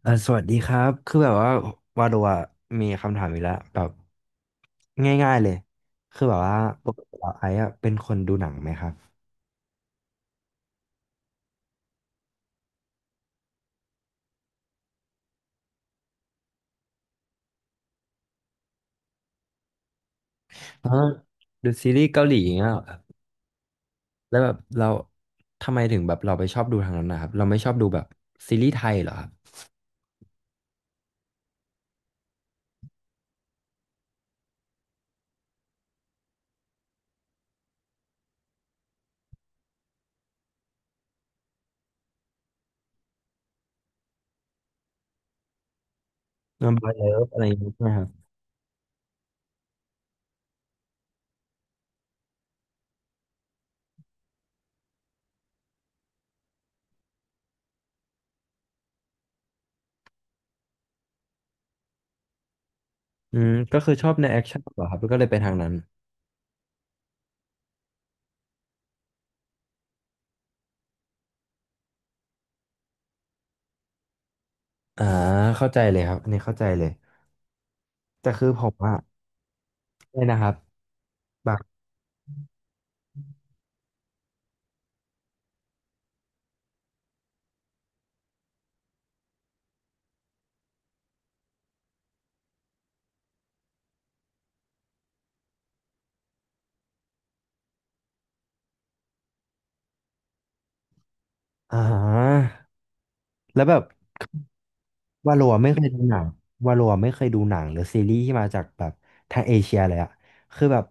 สวัสดีครับคือแบบว่าวาโดะมีคำถามอีกแล้วแบบง่ายๆเลยคือแบบว่าปกติเราไอซ์อะเป็นคนดูหนังไหมครับเออดูซีรีส์เกาหลีอย่างเงี้ยเหรอครับแล้วแบบเราทำไมถึงแบบเราไปชอบดูทางนั้นนะครับเราไม่ชอบดูแบบซีรีส์ไทยเหรอครับนัมบอรเลิฟอะไรอย่างเงี้ยใช่ไหมครับอืมก็คือชอบในแอคชั่นเหรอครับแล้วก็เลยไปทางนั้นอ่าเข้าใจเลยครับอันนี้เข้าใจเลยแต่คือผมอะเนี่ยนะครับแบบอ่าแล้วแบบ วาโลอะไม่เคยดูหนังวาโลอะไม่เคยดูหนังหรือซีรีส์ที่มาจากแบบทางเอเชียเลยอะคือแบบ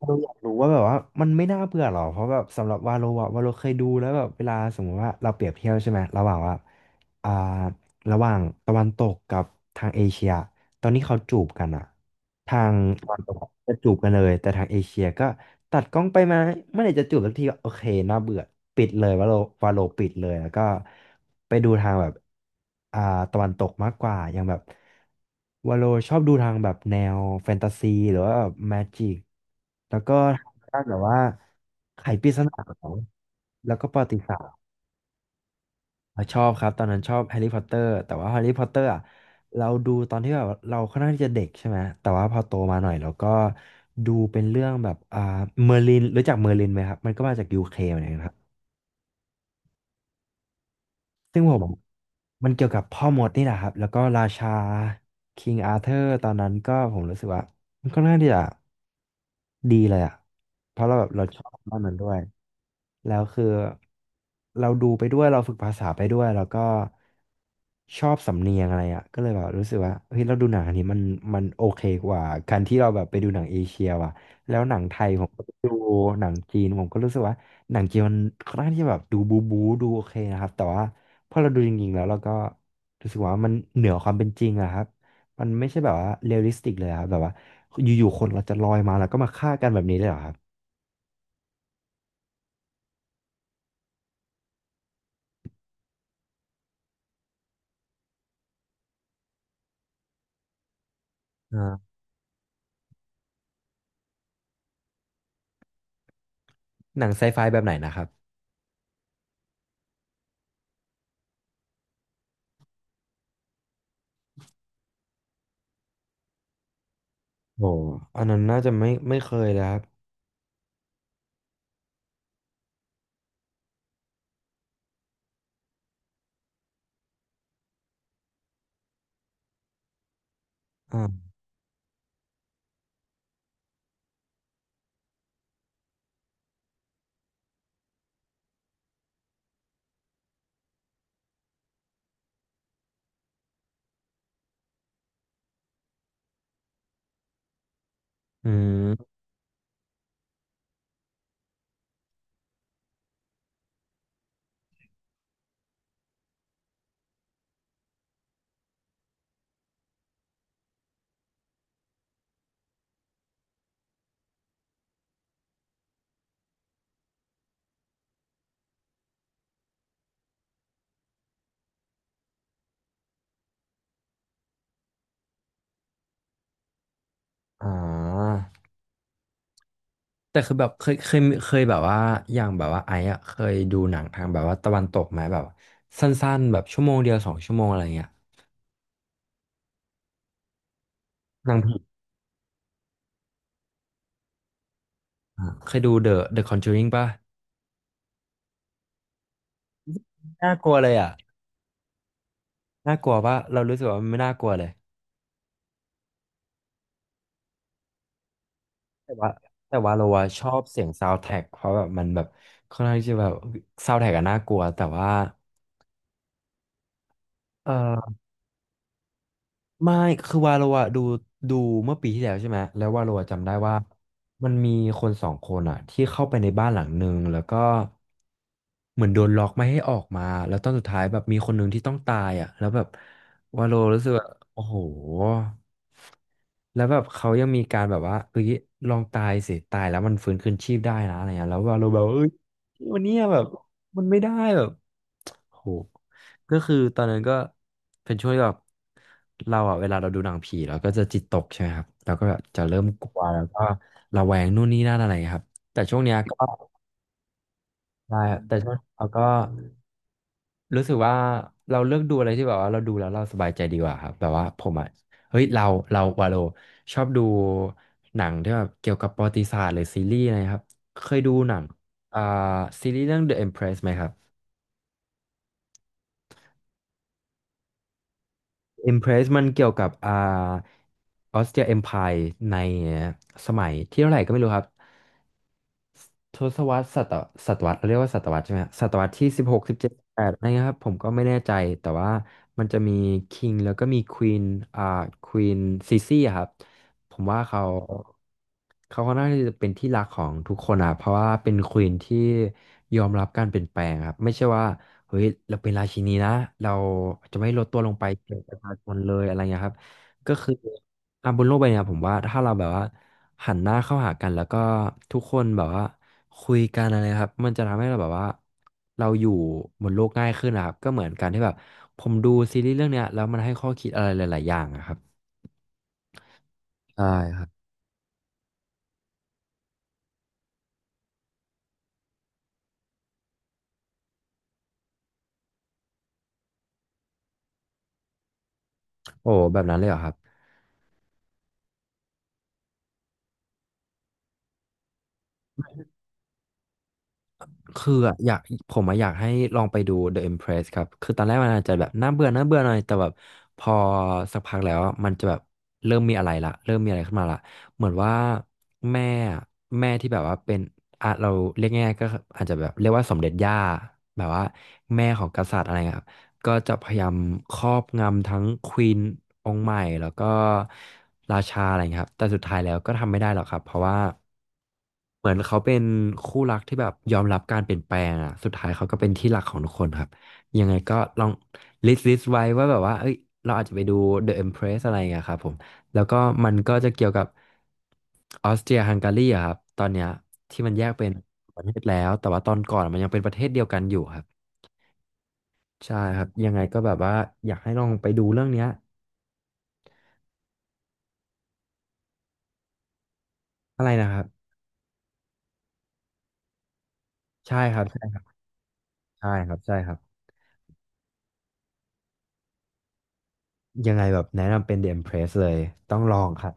เราอยากรู้ว่าแบบว่ามันไม่น่าเบื่อหรอเพราะแบบสำหรับวาโลอะวาโลเคยดูแล้วแบบเวลาสมมติว่าเราเปรียบเทียบใช่ไหมระหว่างว่าอ่าระหว่างตะวันตกกับทางเอเชียตอนนี้เขาจูบกันอะ ทางตอนตกจะจูบกันเลยแต่ทางเอเชียก็ตัดกล้องไปมาเมื่อไหร่จะจูบสักทีก็โอเคน่าเบื่อปิดเลยวาโลวาโลปิดเลยแล้วก็ไปดูทางแบบอ่าตะวันตกมากกว่าอย่างแบบวาโลชอบดูทางแบบแนวแฟนตาซีหรือว่าแบบแมจิกแล้วก็ทางด้านแบบว่าไขปริศนาแล้วก็ประวัติศาสตร์ อ่ะชอบครับตอนนั้นชอบแฮร์รี่พอตเตอร์แต่ว่าแฮร์รี่พอตเตอร์อ่ะเราดูตอนที่แบบเราค่อนข้างที่จะเด็กใช่ไหมแต่ว่าพอโตมาหน่อยเราก็ดูเป็นเรื่องแบบเมอร์ลินรู้จักเมอร์ลินไหมครับมันก็มาจากยูเคเหมือนกันครับซึ่งผมบอกมันเกี่ยวกับพ่อมดนี่แหละครับแล้วก็ราชาคิงอาเธอร์ตอนนั้นก็ผมรู้สึกว่ามันค่อนข้างที่จะ ดีเลยอ่ะเพราะเราแบบเราชอบมากมันด้วย แล้วคือเราดูไปด้วยเราฝึกภาษาไปด้วยแล้วก็ชอบสำเนียงอะไรอ่ะก็เลยแบบรู้สึกว่าเฮ้ยเราดูหนังอันนี้มันมันโอเคกว่าการที่เราแบบไปดูหนังเอเชียว่ะแล้วหนังไทยผมก็ดูหนังจีนผมก็รู้สึกว่าหนังจีนมันค่อนข้างที่จะแบบดูบูบูดูโอเคนะครับแต่ว่าพอเราดูจริงๆแล้วเราก็รู้สึกว่ามันเหนือความเป็นจริงอะครับมันไม่ใช่แบบว่าเรียลลิสติกเลยอะครับแบบว่า อยู่ๆคนเราจะลอยมาแล้วก็มาฆ่ากันแบบนี้เลยเหรอครับอ่าหนังไซไฟแบบไหนนะครับโอ้อันนั้นน่าจะไม่เคยเลยครับอ่าอืมอ่าแต่คือแบบเคยแบบว่าอย่างแบบว่าไอ้อะเคยดูหนังทางแบบว่าตะวันตกไหมแบบสั้นๆแบบชั่วโมงเดียวสองชั่วโมงอะไรเงี้ยหนังผีอ่ะเคยดู The Conjuring ป่ะน่ากลัวเลยอ่ะน่ากลัวป่ะเรารู้สึกว่ามันไม่น่ากลัวเลย แต่ว่าแต่ว่าเราอะชอบเสียงซาว n d t ท a c k เพราะแบบมันแบบค่อนข้างที่จะแบบซาว n d t ท a c k อะน่ากลัวแต่ว่าเออ ไม่ คือวาโลอะดูเมื่อปีที่แล้วใช่ไหมแล้ววาโลอะจำได้ว่ามันมีคนสองคนอะที่เข้าไปในบ้านหลังหนึ่งแล้วก็เหมือนโดนล็อกไม่ให้ออกมาแล้วตอนสุดท้ายแบบมีคนหนึ่งที่ต้องตายอะแล้วแบบวาโลรู้สึกว่าโอ้โหแล้วแบบเขายังมีการแบบว่าเอ้ยลองตายสิตายแล้วมันฟื้นคืนชีพได้นะอะไรเงี้ยแล้ววาโลแบบว่าเอ้ยวันเนี้ยแบบมันไม่ได้แบบโห ก็คือตอนนั้นก็เป็นช่วงที่แบบเราอะเวลาเราดูหนังผีเราก็จะจิตตกใช่ไหมครับเราก็แบบจะเริ่มกลัวแล้วก็ระแวงนู่นนี่นั่นอะไรครับแต่ช่วงเนี้ยก็ได้ครับแต่ช่วงเราก็รู้สึกว่าเราเลือกดูอะไรที่แบบว่าเราดูแล้วเราสบายใจดีกว่าครับแบบว่าผมอะเฮ้ยเราเราวาโลชอบดูหนังที่แบบเกี่ยวกับประวัติศาสตร์หรือซีรีส์อะไรครับเคยดูหนังอ่าซีรีส์เรื่อง The Empress ไหมครับ Impress มันเกี่ยวกับออสเตรียเอ็มไพร์ในสมัยที่เท่าไหร่ก็ไม่รู้ครับ ทศวรรษศตวรรษเรียกว่าศตวรรษใช่ไหมฮะศตวรรษที่สิบหกสิบเจ็ดแปดอะไรเงี้ยครับผมก็ไม่แน่ใจแต่ว่ามันจะมีคิงแล้วก็มีควีนอ่าควีนซีซี่ครับผมว่าเขาค่อนข้างที่จะเป็นที่รักของทุกคนอ่ะเพราะว่าเป็นควีนที่ยอมรับการเปลี่ยนแปลงครับไม่ใช่ว่าเฮ้ยเราเป็นราชินีนะเราจะไม่ลดตัวลงไปเกี่ยวกับประชาชนเลยอะไรเงี้ยครับก็คือ อ่ะบนโลกใบเนี้ยผมว่าถ้าเราแบบว่าหันหน้าเข้าหากันแล้วก็ทุกคนแบบว่าคุยกันอะไรครับมันจะทำให้เราแบบว่าเราอยู่บนโลกง่ายขึ้นนะครับก็เหมือนการที่แบบผมดูซีรีส์เรื่องเนี้ยแล้วมันให้ข้อคิดอะไรหลายๆอย่างอะครับใช่ครับโอ้แบบนั้นเลยเหรอครับ คืออะอยากผมอะอยากให้ลองไปดู The Empress ครับ คือตอนแรกมันอาจจะแบบน่าเบื่อหน่อย แต่แบบพอสักพักแล้วอะมันจะแบบเริ่มมีอะไรขึ้นมาละเหมือนว่าแม่อะแม่ที่แบบว่าเป็นอ่ะเราเรียกง่ายๆก็อาจจะแบบเรียกว่าสมเด็จย่าแบบว่าแม่ของกษัตริย์อะไรเงี้ย ก็จะพยายามครอบงำทั้งควีนองค์ใหม่แล้วก็ราชาอะไรอย่างเงี้ยครับแต่สุดท้ายแล้วก็ทำไม่ได้หรอกครับเพราะว่าเหมือนเขาเป็นคู่รักที่แบบยอมรับการเปลี่ยนแปลงอ่ะสุดท้ายเขาก็เป็นที่รักของทุกคนครับยังไงก็ลองลิสต์ไว้ว่าแบบว่าเอ้ยเราอาจจะไปดู The Empress อะไรอย่างเงี้ยครับผมแล้วก็มันก็จะเกี่ยวกับออสเตรียฮังการีอะครับตอนเนี้ยที่มันแยกเป็นประเทศแล้วแต่ว่าตอนก่อนมันยังเป็นประเทศเดียวกันอยู่ครับ ใช่ครับยังไงก็แบบว่าอยากให้ลองไปดูเรื่องเนี้ยอะไรนะครับใช่ครับใช่ครับใช่ครับใช่ครับยังไงแบบแนะนำเป็น The Empress เลยต้องลองครับ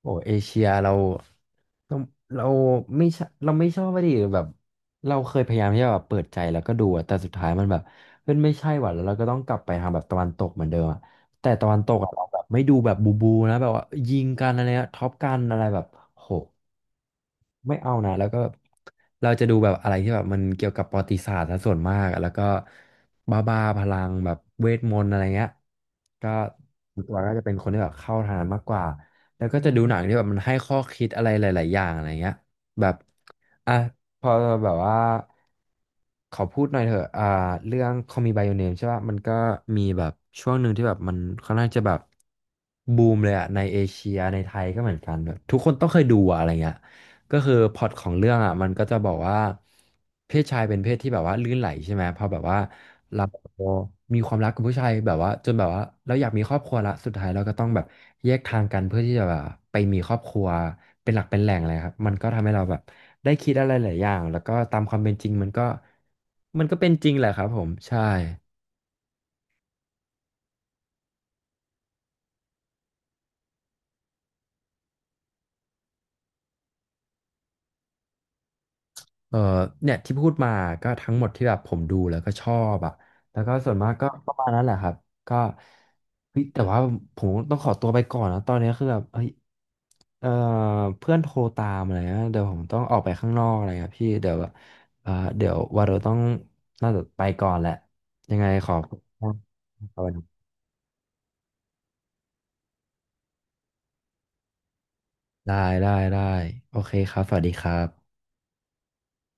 โอ้เอเชียเราเราไม่ชเราไม่ชอบว่าดิแบบเราเคยพยายามที่จะแบบเปิดใจแล้วก็ดูอะแต่สุดท้ายมันแบบเฮ้ยไม่ใช่ว่ะแล้วเราก็ต้องกลับไปทางแบบตะวันตกเหมือนเดิมอะแต่ตะวันตกอะเราแบบไม่ดูแบบบูบูนะแบบว่ายิงกันอะไรนะท็อปกันอะไรแบบโห ไม่เอานะแล้วก็แบบเราจะดูแบบอะไรที่แบบมันเกี่ยวกับประวัติศาสตร์ซะส่วนมากแล้วก็บ้าพลังแบบเวทมนต์อะไรเงี้ยก็ส่วนตัวก็จะเป็นคนที่แบบเข้าทางนั้นมากกว่าแล้วก็จะดูหนังที่แบบมันให้ข้อคิดอะไรหลายๆอย่างอะไรเงี้ยแบบอ่ะพอแบบว่าขอพูดหน่อยเถอะอ่าเรื่อง Call Me by Your Name ใช่ป่ะมันก็มีแบบช่วงหนึ่งที่แบบมันค่อนข้างจะแบบบูมเลยอะในเอเชียในไทยก็เหมือนกันแบบทุกคนต้องเคยดูอะอะไรเงี้ย ก็คือพล็อตของเรื่องอ่ะมันก็จะบอกว่าเพศชายเป็นเพศที่แบบว่าลื่นไหลใช่ไหมพอแบบว่าเรามีความรักกับผู้ชายแบบว่าจนแบบว่าเราอยากมีครอบครัวละสุดท้ายเราก็ต้องแบบแยกทางกันเพื่อที่จะแบบไปมีครอบครัวเป็นหลักเป็นแหล่งอะไรครับมันก็ทำให้เราแบบได้คิดอะไรหลายอย่างแล้วก็ตามความเป็นจริงมันก็เป็นจริงแหละครับผมใช่ เออเนี่ยที่พูดมาก็ทั้งหมดที่แบบผมดูแล้วก็ชอบอ่ะแล้วก็ส่วนมากก็ประมาณนั้นแหละครับก็เฮ้ยแต่ว่าผมต้องขอตัวไปก่อนนะตอนนี้คือแบบเฮ้ยเออเพื่อนโทรตามอะไรนะเดี๋ยวผมต้องออกไปข้างนอกอะไรครับพี่เดี๋ยวเออเดี๋ยวว่าเราต้องน่าจะไปก่อนแหละยังไงขอบคุณมากครับได้ได้โอเคครับสวัสดีครับ